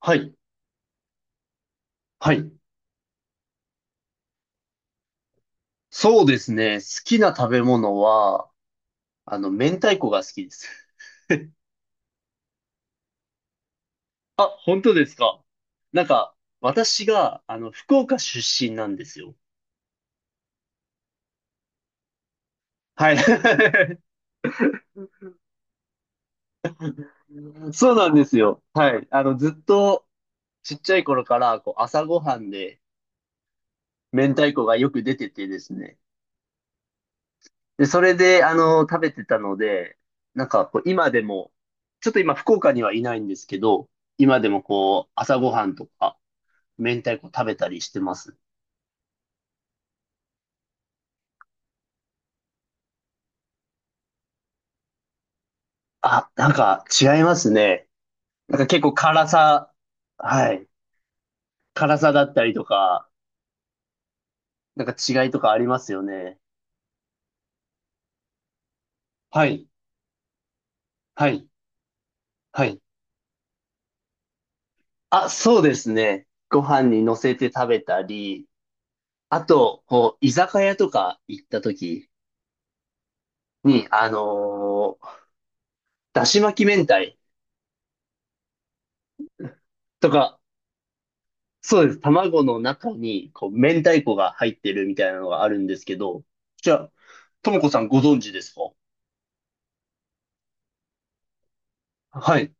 はい。はい。そうですね。好きな食べ物は、明太子が好きです。あ、本当ですか。なんか、私が、福岡出身なんですよ。はい。そうなんですよ。はい。ずっと、ちっちゃい頃から、こう、朝ごはんで、明太子がよく出ててですね。で、それで、食べてたので、なんか、こう、今でも、ちょっと今、福岡にはいないんですけど、今でもこう、朝ごはんとか、明太子食べたりしてます。あ、なんか違いますね。なんか結構辛さ、はい。辛さだったりとか、なんか違いとかありますよね。はい。はい。はい。あ、そうですね。ご飯に乗せて食べたり、あと、こう、居酒屋とか行った時に、だし巻き明太とか、そうです。卵の中に、こう、明太子が入ってるみたいなのがあるんですけど、じゃあ、ともこさんご存知ですか。はい。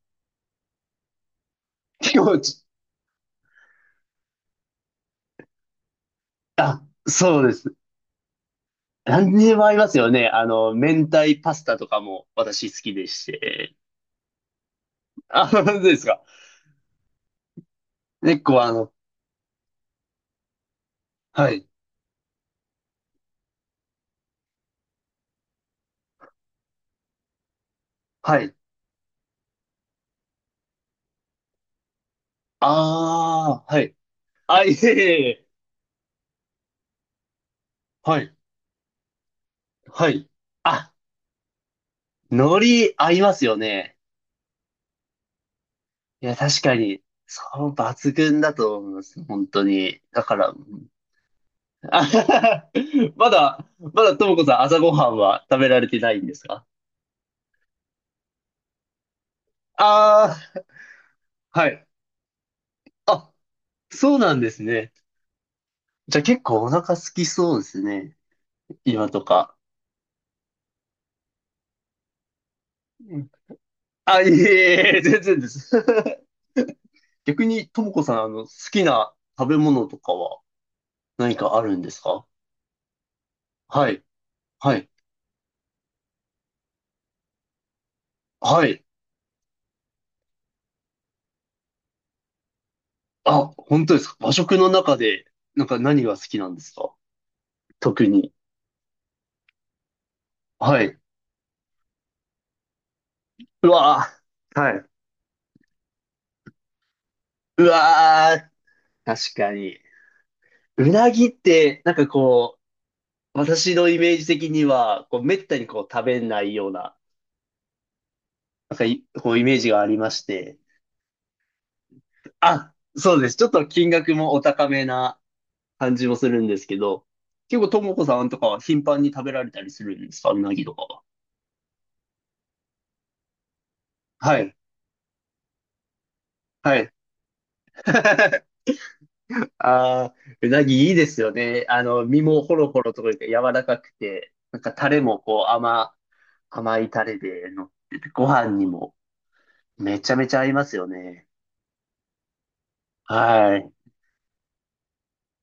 結構ち、そうです。何にでも合いますよね。明太パスタとかも私好きでして。あ、本当ですか。結構あの、はい、はい。ああ、はい。あ、いえいえいえ。はい、はい。あ、海苔合いますよね。いや、確かに、そう抜群だと思います。本当に。だから、あはは まだともこさん朝ごはんは食べられてないんですか。ああー、はい。あ、そうなんですね。じゃあ結構お腹空きそうですね。今とか。うん、あ、いえいえいえ、全然です。逆に、ともこさん、好きな食べ物とかは何かあるんですか。はい、はい、はい。あ、本当ですか。和食の中で、なんか何が好きなんですか。特に。はい。うわーはい。うわー確かに。うなぎって、なんかこう、私のイメージ的には、こう、めったにこう、食べないような、なんかいこう、イメージがありまして。あ、そうです。ちょっと金額もお高めな感じもするんですけど、結構ともこさんとかは頻繁に食べられたりするんですか。うなぎとかは。はい。はい。ああ、うなぎいいですよね。身もホロホロとか言って柔らかくて、なんかタレもこう甘いタレで乗ってて、ご飯にもめちゃめちゃ合いますよね。はい。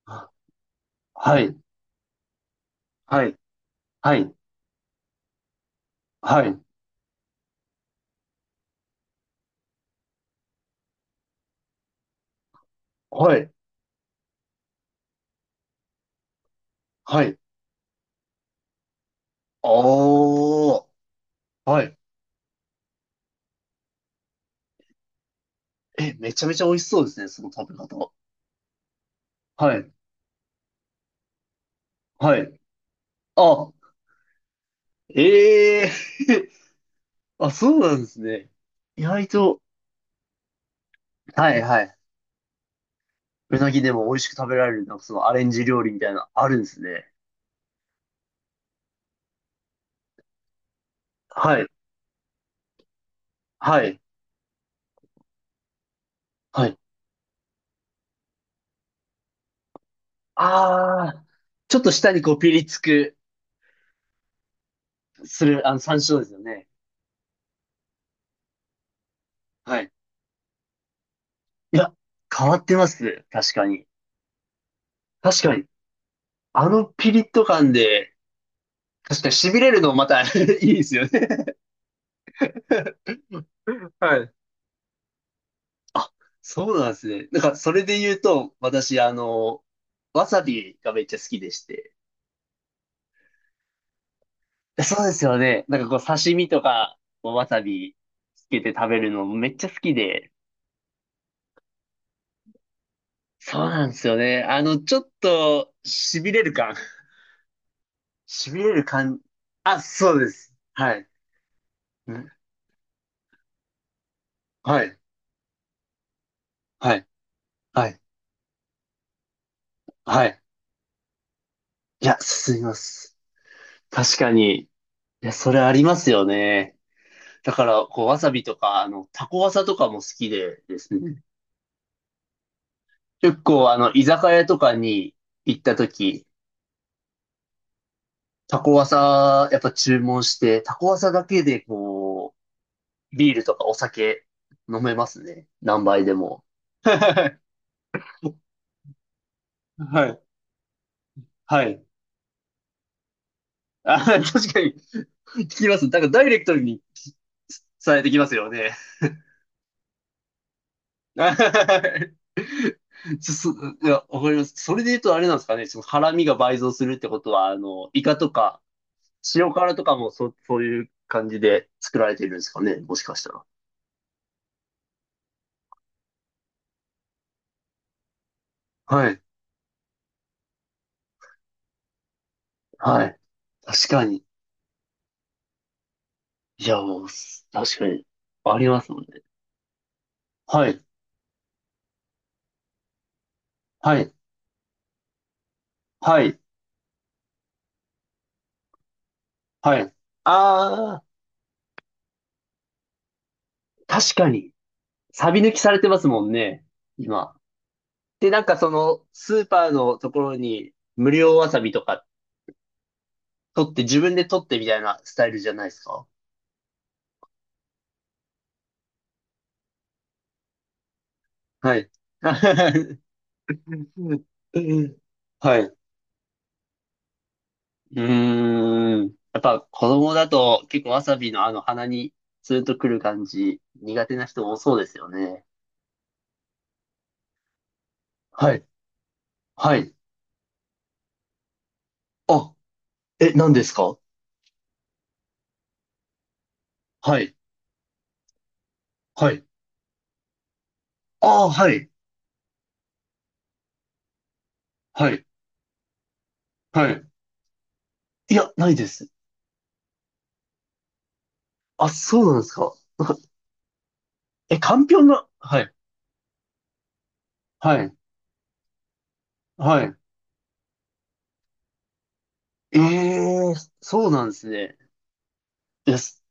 あはい。はい。はい。はい。はい。はい。おー。はい。え、めちゃめちゃ美味しそうですね、その食べ方。はい。はい。あ、ええ あ、そうなんですね。意外と、はいはい。うなぎでも美味しく食べられる、なんかそのアレンジ料理みたいな、あるんですね。はい。はい。はい。ああ、ちょっと舌にこうピリつく、する、山椒ですよね。はい。いや、変わってます。確かに。確かに。あのピリッと感で、確かに痺れるのまた いいですよね。はい。あ、そうなんですね。なんか、それで言うと、私、わさびがめっちゃ好きでして。そうですよね。なんかこう、刺身とか、わさびつけて食べるのめっちゃ好きで。そうなんですよね。ちょっと、痺れる感。痺れる感。あ、そうです。はい。んはい。はい。はい。はい。いや、進みます。確かに。いや、それありますよね。だから、こう、わさびとか、タコわさとかも好きでですね。結構、居酒屋とかに行った時、タコワサ、やっぱ注文して、タコワサだけで、こう、ビールとかお酒飲めますね。何杯でも。はい。はい。あ、確かに、聞きます。なんかダイレクトにされてきますよね。ちょそそいや、わかります。それで言うとあれなんですかね。その辛味が倍増するってことは、イカとか、塩辛とかもそういう感じで作られてるんですかね。もしかしたら。はい。はい。確かに。いや、もう、確かに。ありますもんね。はい。はい。はい。はい。あー確かに。サビ抜きされてますもんね。今。で、なんかその、スーパーのところに、無料わさびとか、取って、自分で取ってみたいなスタイルじゃないですか。はい。はい。うーん。やっぱ子供だと結構わさびのあの鼻にツーンとくる感じ苦手な人多そうですよね。はい。はい。あ、え、何ですか。はい。はい。ああ、はい。はい。はい。いや、ないです。あ、そうなんですか。え、かんぴょんが、はい。はい。はい。ええ、そうなんですね。です。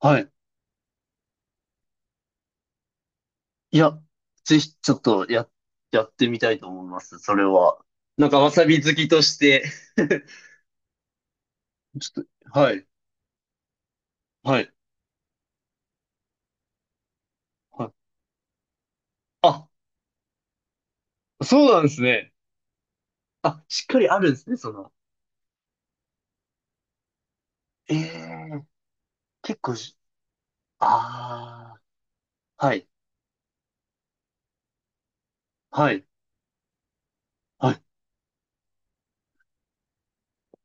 はい。いや、ぜひ、ちょっと、や、やってみたいと思います。それは。なんか、わさび好きとして。ちょっと、はい。はい。はい。あ、そうなんですね。あ、しっかりあるんですね、その。ええ結構し、ああ、はい。はい。あ、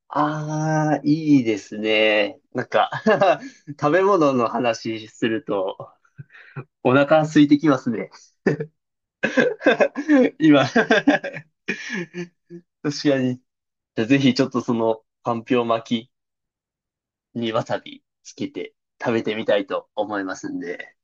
ああ、いいですね。なんか 食べ物の話すると、お腹空いてきますね。今 確かに。じゃあぜひちょっとその、かんぴょう巻きにわさびつけて食べてみたいと思いますんで。